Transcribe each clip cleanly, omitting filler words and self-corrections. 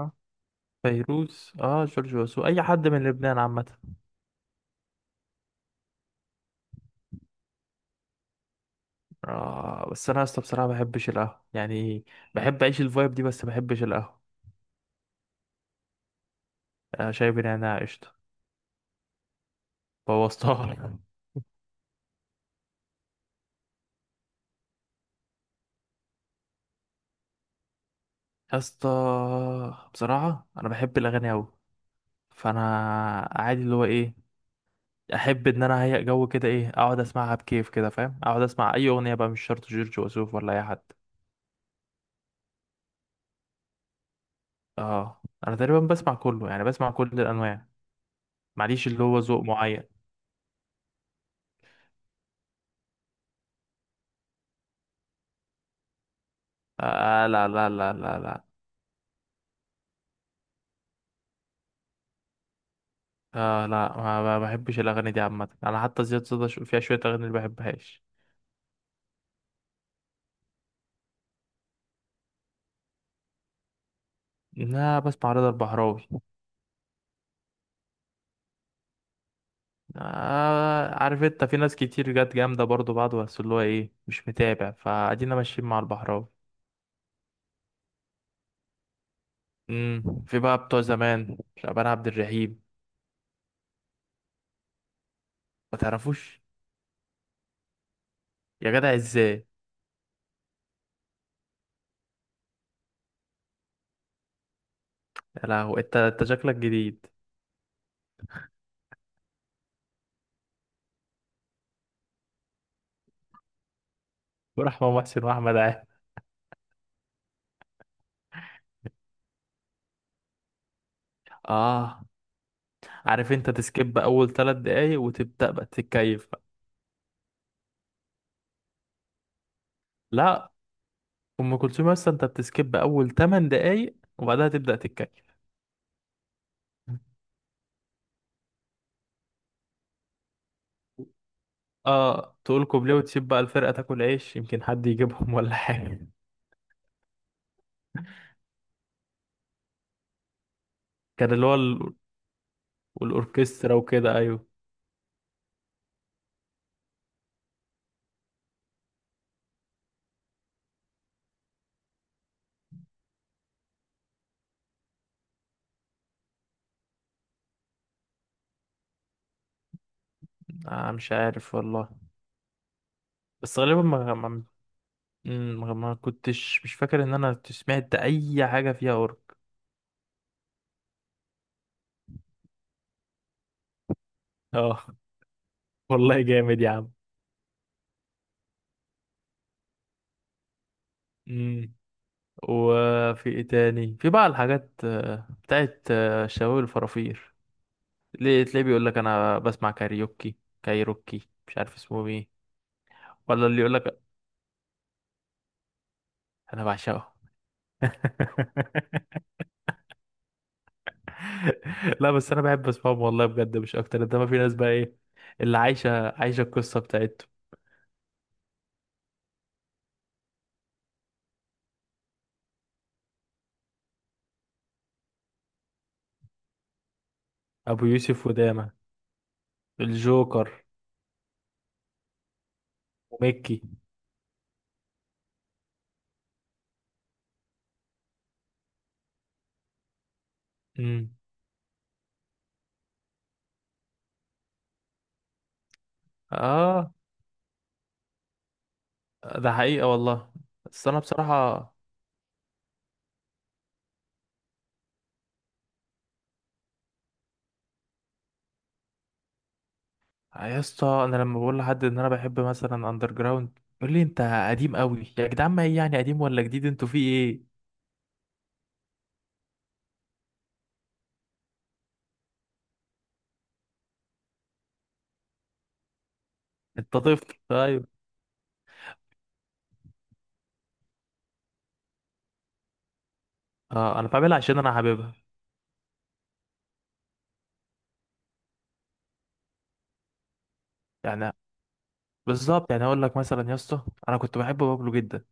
آه، فيروز. اه جورج وسوف، اي حد من لبنان عامه. آه بس انا اصلا بصراحه ما بحبش القهوه يعني. بحب اعيش الفايب دي بس ما بحبش القهوه. آه شايف ان انا قشطه. بوظتها يا اسطى بصراحه انا بحب الاغاني قوي، فانا عادي اللي هو ايه، احب ان انا اهيأ جو كده، ايه اقعد اسمعها بكيف كده فاهم، اقعد اسمع اي اغنيه بقى، مش شرط جورج وسوف ولا اي حد. اه انا تقريبا بسمع كله، يعني بسمع كل الانواع. معليش اللي هو ذوق معين. آه لا لا لا لا لا. آه لا، ما بحبش الاغاني دي عامه. انا حتى زياد صدى فيها شويه اغاني اللي بحبهاش. لا بسمع رضا البحراوي. آه عارف انت في ناس كتير جت جامده برضو بعض، بس اللي هو ايه مش متابع، فادينا ماشيين مع البحراوي. في بقى بتوع زمان شعبان عبد الرحيم. ما تعرفوش؟ يا جدع ازاي؟ يا لهو، انت شكلك جديد. ورحمة محسن واحمد عامر. اه عارف انت تسكيب اول ثلاث دقايق وتبدا بقى تتكيف بقى. لا ام كلثوم اصلا انت بتسكيب اول ثمان دقايق وبعدها تبدا تتكيف. اه تقول كوبليه وتسيب بقى الفرقه تاكل عيش، يمكن حد يجيبهم ولا حاجه. كان اللي هو ال... والاوركسترا وكده ايوه. آه مش عارف والله. بس غالبا ما ما كنتش مش فاكر ان انا سمعت اي حاجه فيها اورك. اه والله جامد يا عم. امم وفي ايه تاني، في بقى الحاجات بتاعت شواوي الفرافير. ليه تلاقيه بيقول لك انا بسمع كاريوكي، كايروكي مش عارف اسمه ايه. ولا اللي يقول لك انا بعشقه. لا بس انا بحب اسمعهم والله بجد مش اكتر، انما في ناس بقى ايه اللي عايشه عايشه القصه بتاعتهم. ابو يوسف وداما. الجوكر وميكي. مم. اه ده حقيقة والله. بس انا بصراحة يا اسطى، انا لما بقول لحد ان انا بحب مثلا اندر جراوند يقول لي انت قديم قوي يا جدعان. ما ايه يعني قديم ولا جديد، انتوا في ايه؟ انت طفل ايوه. اه انا بعملها عشان انا حاببها يعني. بالظبط، يعني اقول لك مثلا يا اسطى، انا كنت بحب بابلو جدا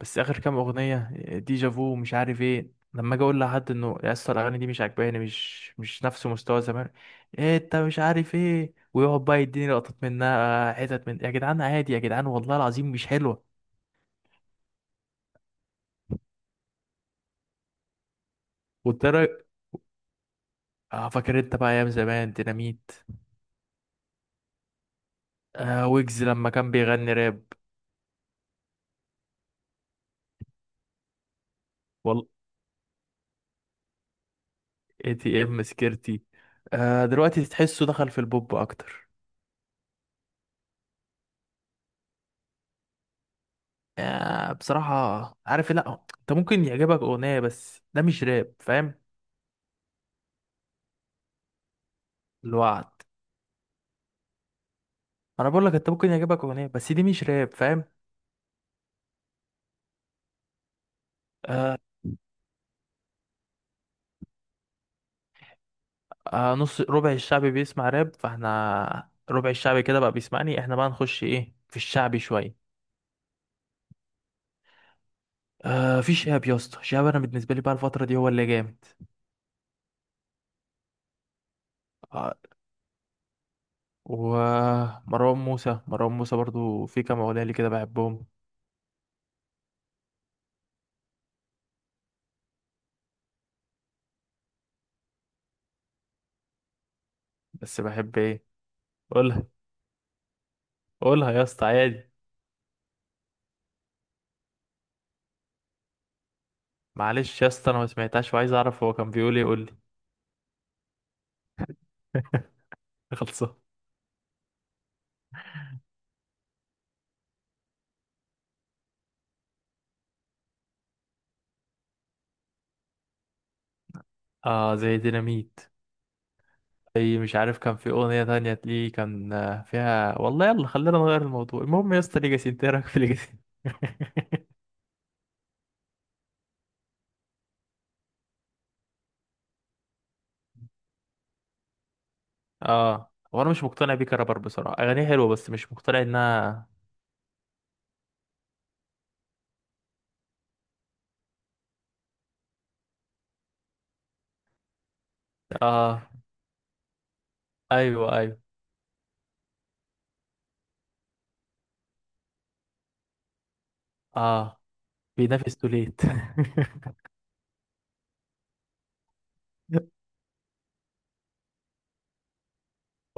بس اخر كام اغنيه ديجا فو ومش عارف ايه، لما اجي اقول لحد انه يا اسطى الاغاني دي مش عاجباني، مش مش نفس مستوى زمان، إيه انت مش عارف ايه، ويقعد بقى يديني لقطات منها حتت من يا جدعان عادي، يا جدعان والله العظيم مش حلوه. والترى اه، فاكر انت بقى ايام زمان ديناميت؟ آه ويجز لما كان بيغني راب، والله اي تي ام سكيرتي. آه دلوقتي تحسه دخل في البوب اكتر. آه بصراحه عارف لا انت ممكن يعجبك اغنيه بس ده مش راب فاهم. الوعد. انا بقول لك انت ممكن يعجبك اغنيه بس دي مش راب فاهم. آه. آه نص ربع الشعب بيسمع راب، فاحنا ربع الشعب كده بقى بيسمعني، احنا بقى نخش ايه في الشعبي شويه. آه في شهاب يا اسطى، شهاب انا بالنسبه لي بقى الفتره دي هو اللي جامد. آه ومروان موسى، مروان موسى برضو في كام اغنيه لي كده بحبهم. بس بحب ايه؟ قولها. قولها يا اسطى عادي. معلش يا اسطى انا ما سمعتهاش وعايز اعرف هو كان بيقول ايه، قول لي. خلصان. اه زي ديناميت. زي مش عارف كان في اغنيه تانية ليه كان فيها والله. يلا خلينا نغير الموضوع. المهم يا اسطى ليجاسي، انت إيه رايك في ليجاسي؟ اه هو انا مش مقتنع بيه كرابر بصراحه، اغانيه حلوه بس مش مقتنع انها. اه ايوه ايوه. اه بينافس توليت.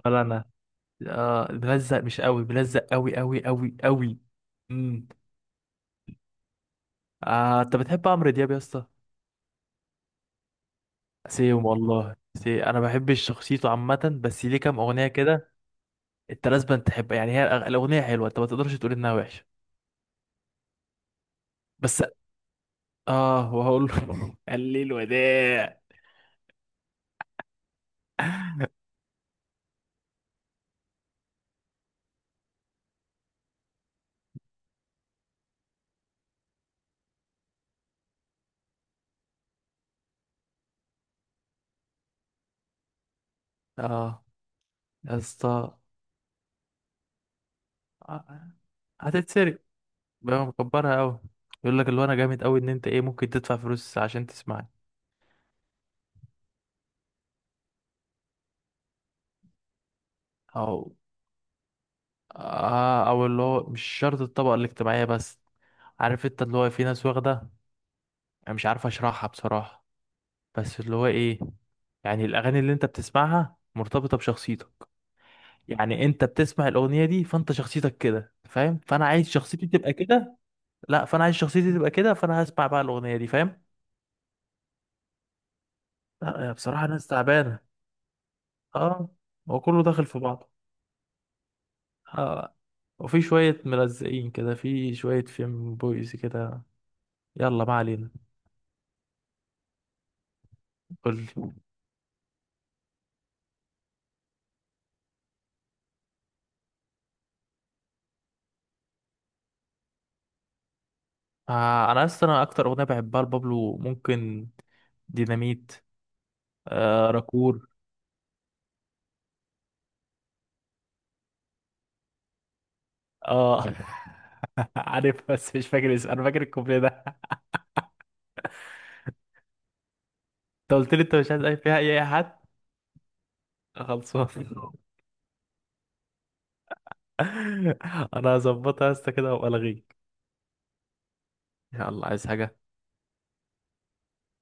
ولا انا. آه بلزق مش قوي، بلزق قوي قوي قوي قوي. امم آه انت بتحب عمرو دياب يا اسطى؟ سيم والله سي، انا بحب شخصيته عامه بس ليه كام اغنيه كده. انت لازم تحب يعني، هي الاغنيه حلوه، انت ما تقدرش تقول انها وحشه. بس اه وهقول له قال لي الوداع. اه يا اسطى، آه، هتتسرق بقى مكبرها قوي. يقول لك اللي هو انا جامد قوي ان انت ايه ممكن تدفع فلوس عشان تسمعني. او اه، او اللي هو مش شرط الطبقه الاجتماعيه بس. عارف انت اللي هو في ناس واخده، انا مش عارف اشرحها بصراحه بس اللي هو ايه، يعني الاغاني اللي انت بتسمعها مرتبطه بشخصيتك. يعني انت بتسمع الاغنيه دي فانت شخصيتك كده فاهم، فانا عايز شخصيتي تبقى كده. لا فانا عايز شخصيتي تبقى كده فانا هسمع بقى الاغنيه دي فاهم. لا يا بصراحه ناس تعبانه. اه هو كله داخل في بعضه. اه وفي شويه ملزقين كده، في شويه فيم بويز كده. يلا ما علينا. قول لي. آه انا اصلا انا اكتر اغنيه بحبها لبابلو ممكن ديناميت. آه راكور. اه عارف بس مش فاكر اسمه، انا فاكر الكوبليه ده. انت قلت لي انت مش عايز اي فيها اي حد. خلصان. انا هظبطها يا اسطى كده وابقى الغيك. يلا عايز حاجه؟